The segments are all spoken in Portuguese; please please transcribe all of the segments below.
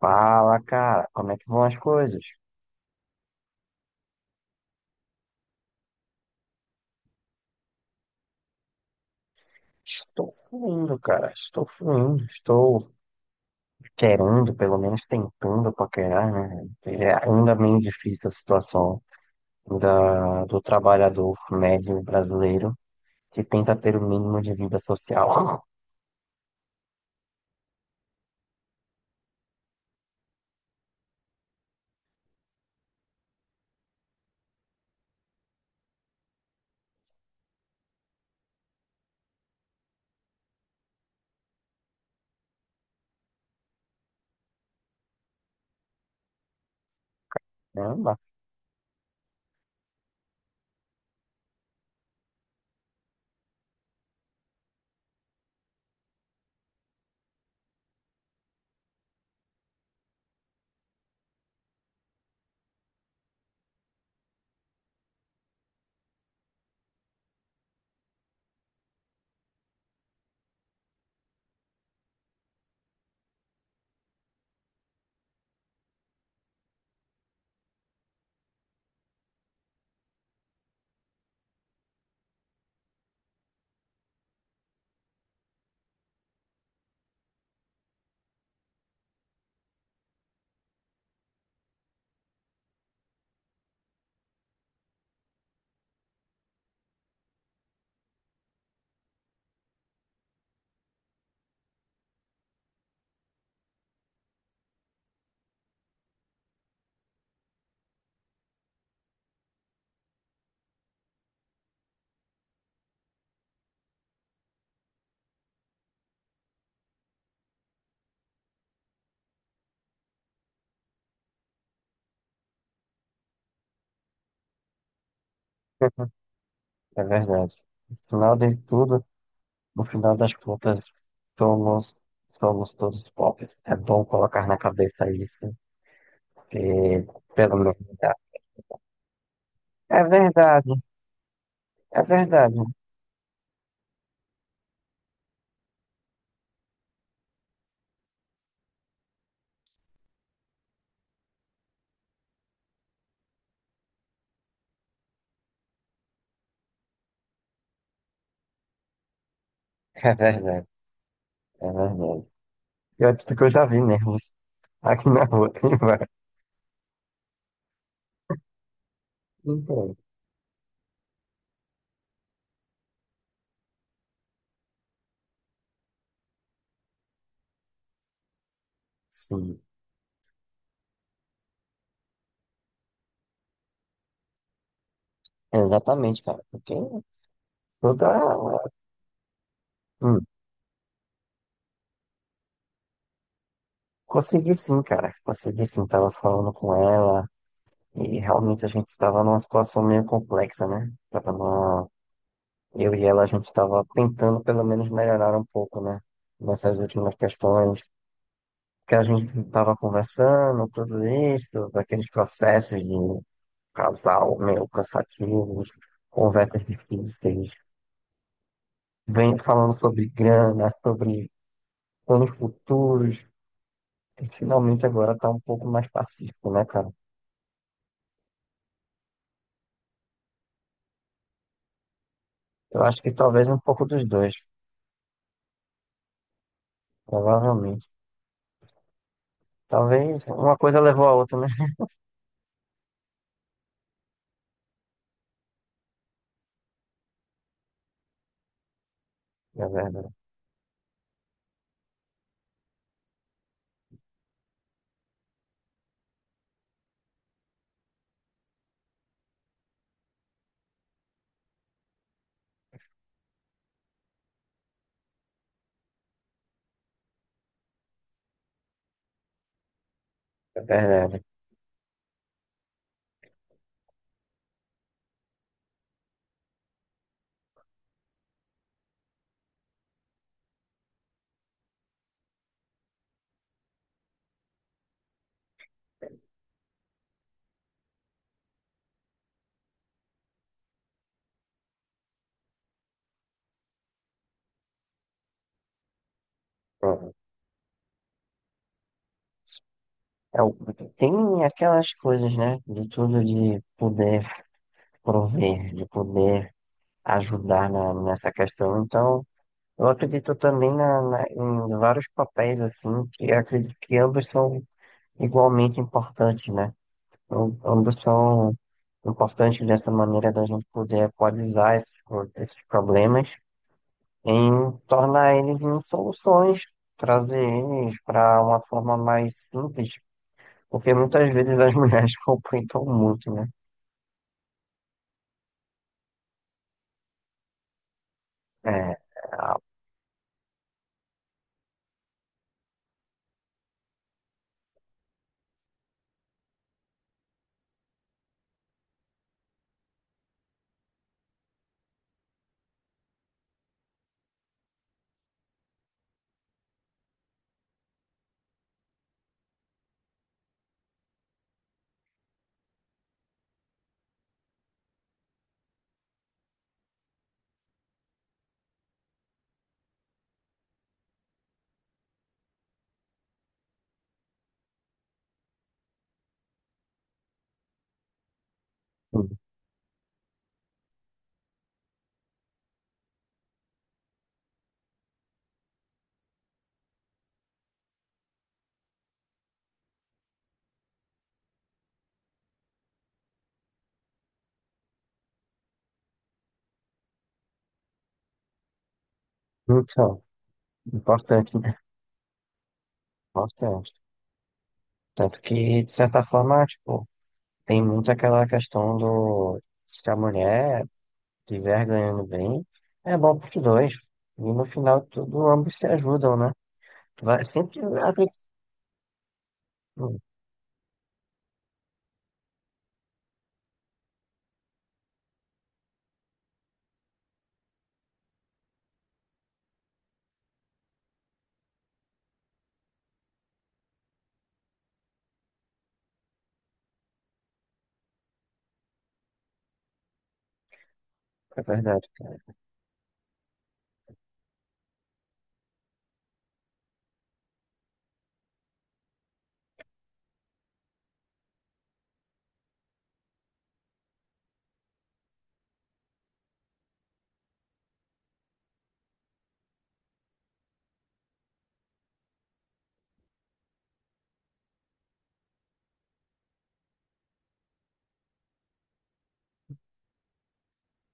Fala, cara, como é que vão as coisas? Estou fluindo, cara, estou fluindo, estou querendo, pelo menos tentando paquerar, né? É ainda meio difícil a situação do trabalhador médio brasileiro que tenta ter o mínimo de vida social. Caramba, é verdade. No final de tudo, no final das contas, somos, somos todos pobres. É bom colocar na cabeça isso, porque pelo menos é é verdade. É verdade, é verdade, é verdade. Pior de tudo que eu já vi mesmo. Aqui na rua tem vários. Então, sim, exatamente, cara. Porque toda. Hum, Consegui sim, cara. Consegui sim. Tava falando com ela e realmente a gente tava numa situação meio complexa, né? Tava numa... Eu e ela, a gente tava tentando pelo menos melhorar um pouco, né? Nessas últimas questões que a gente tava conversando, tudo isso, daqueles processos de casal meio cansativos, conversas difíceis, vem falando sobre grana, sobre planos futuros, e finalmente agora tá um pouco mais pacífico, né, cara? Eu acho que talvez um pouco dos dois, provavelmente. Talvez uma coisa levou a outra, né? É verdade, é verdade. É, o- Tem aquelas coisas, né? De tudo de poder prover, de poder ajudar nessa questão. Então, eu acredito também em vários papéis, assim, que eu acredito que ambos são igualmente importantes, né? Ambos são importantes dessa maneira da gente poder equalizar esses problemas em tornar eles em soluções, trazer eles para uma forma mais simples, porque muitas vezes as mulheres complicam muito, né? É, a- então, importante, né? Importante. Tanto que, de certa forma, tipo, tem muito aquela questão do se a mulher estiver ganhando bem, é bom para os dois. E no final, tudo, ambos se ajudam, né? Vai, sempre a gente- Hum, é verdade, cara.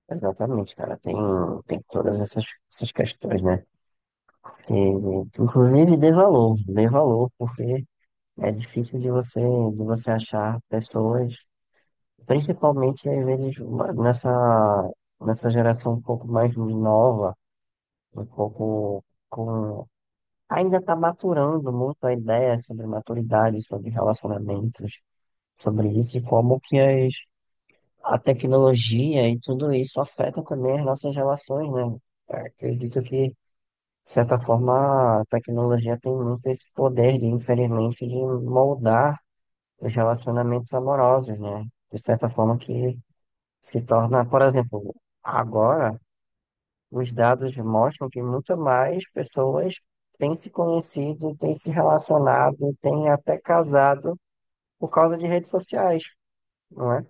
Exatamente, cara. Tem todas essas questões, né? E inclusive, dê valor, porque é difícil de você achar pessoas, principalmente às vezes nessa, nessa geração um pouco mais nova, um pouco com ainda está maturando muito a ideia sobre maturidade, sobre relacionamentos, sobre isso e como que a tecnologia e tudo isso afeta também as nossas relações, né? Eu acredito que, de certa forma, a tecnologia tem muito esse poder, de, infelizmente, de moldar os relacionamentos amorosos, né? De certa forma que se torna, por exemplo, agora os dados mostram que muito mais pessoas têm se conhecido, têm se relacionado, têm até casado por causa de redes sociais, não é?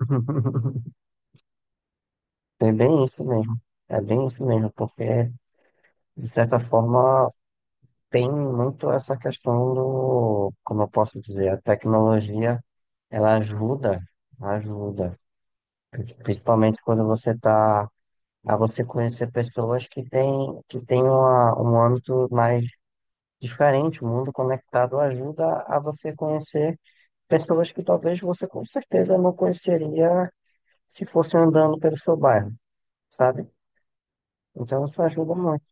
É bem isso mesmo. É bem isso mesmo, porque, de certa forma, tem muito essa questão do, como eu posso dizer, a tecnologia, ela ajuda, ajuda, principalmente quando você está a você conhecer pessoas que têm um âmbito mais diferente, o mundo conectado ajuda a você conhecer pessoas que talvez você com certeza não conheceria se fosse andando pelo seu bairro, sabe? Então isso ajuda muito.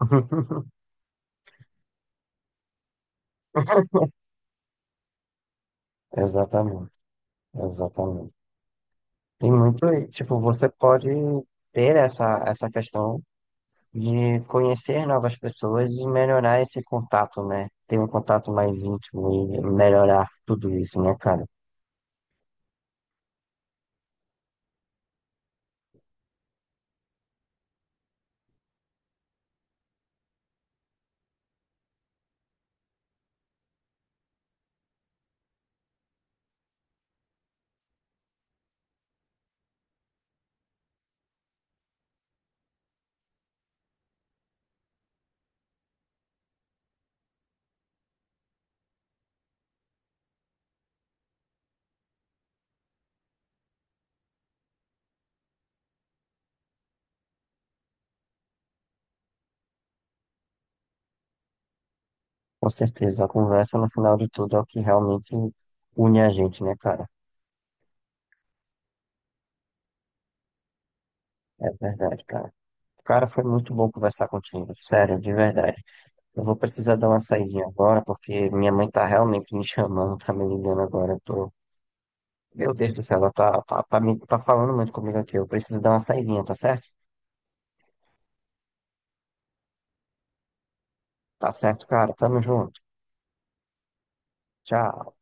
Exatamente, exatamente. Tem muito, e, tipo, você pode ter essa questão de conhecer novas pessoas e melhorar esse contato, né? Ter um contato mais íntimo e melhorar tudo isso, né, cara? Com certeza, a conversa no final de tudo é o que realmente une a gente, né, cara? É verdade, cara. Cara, foi muito bom conversar contigo, sério, de verdade. Eu vou precisar dar uma saidinha agora, porque minha mãe tá realmente me chamando, tá me ligando agora. Eu tô... Meu Deus do céu, ela tá falando muito comigo aqui. Eu preciso dar uma saidinha, tá certo? Tá certo, cara. Tamo junto. Tchau.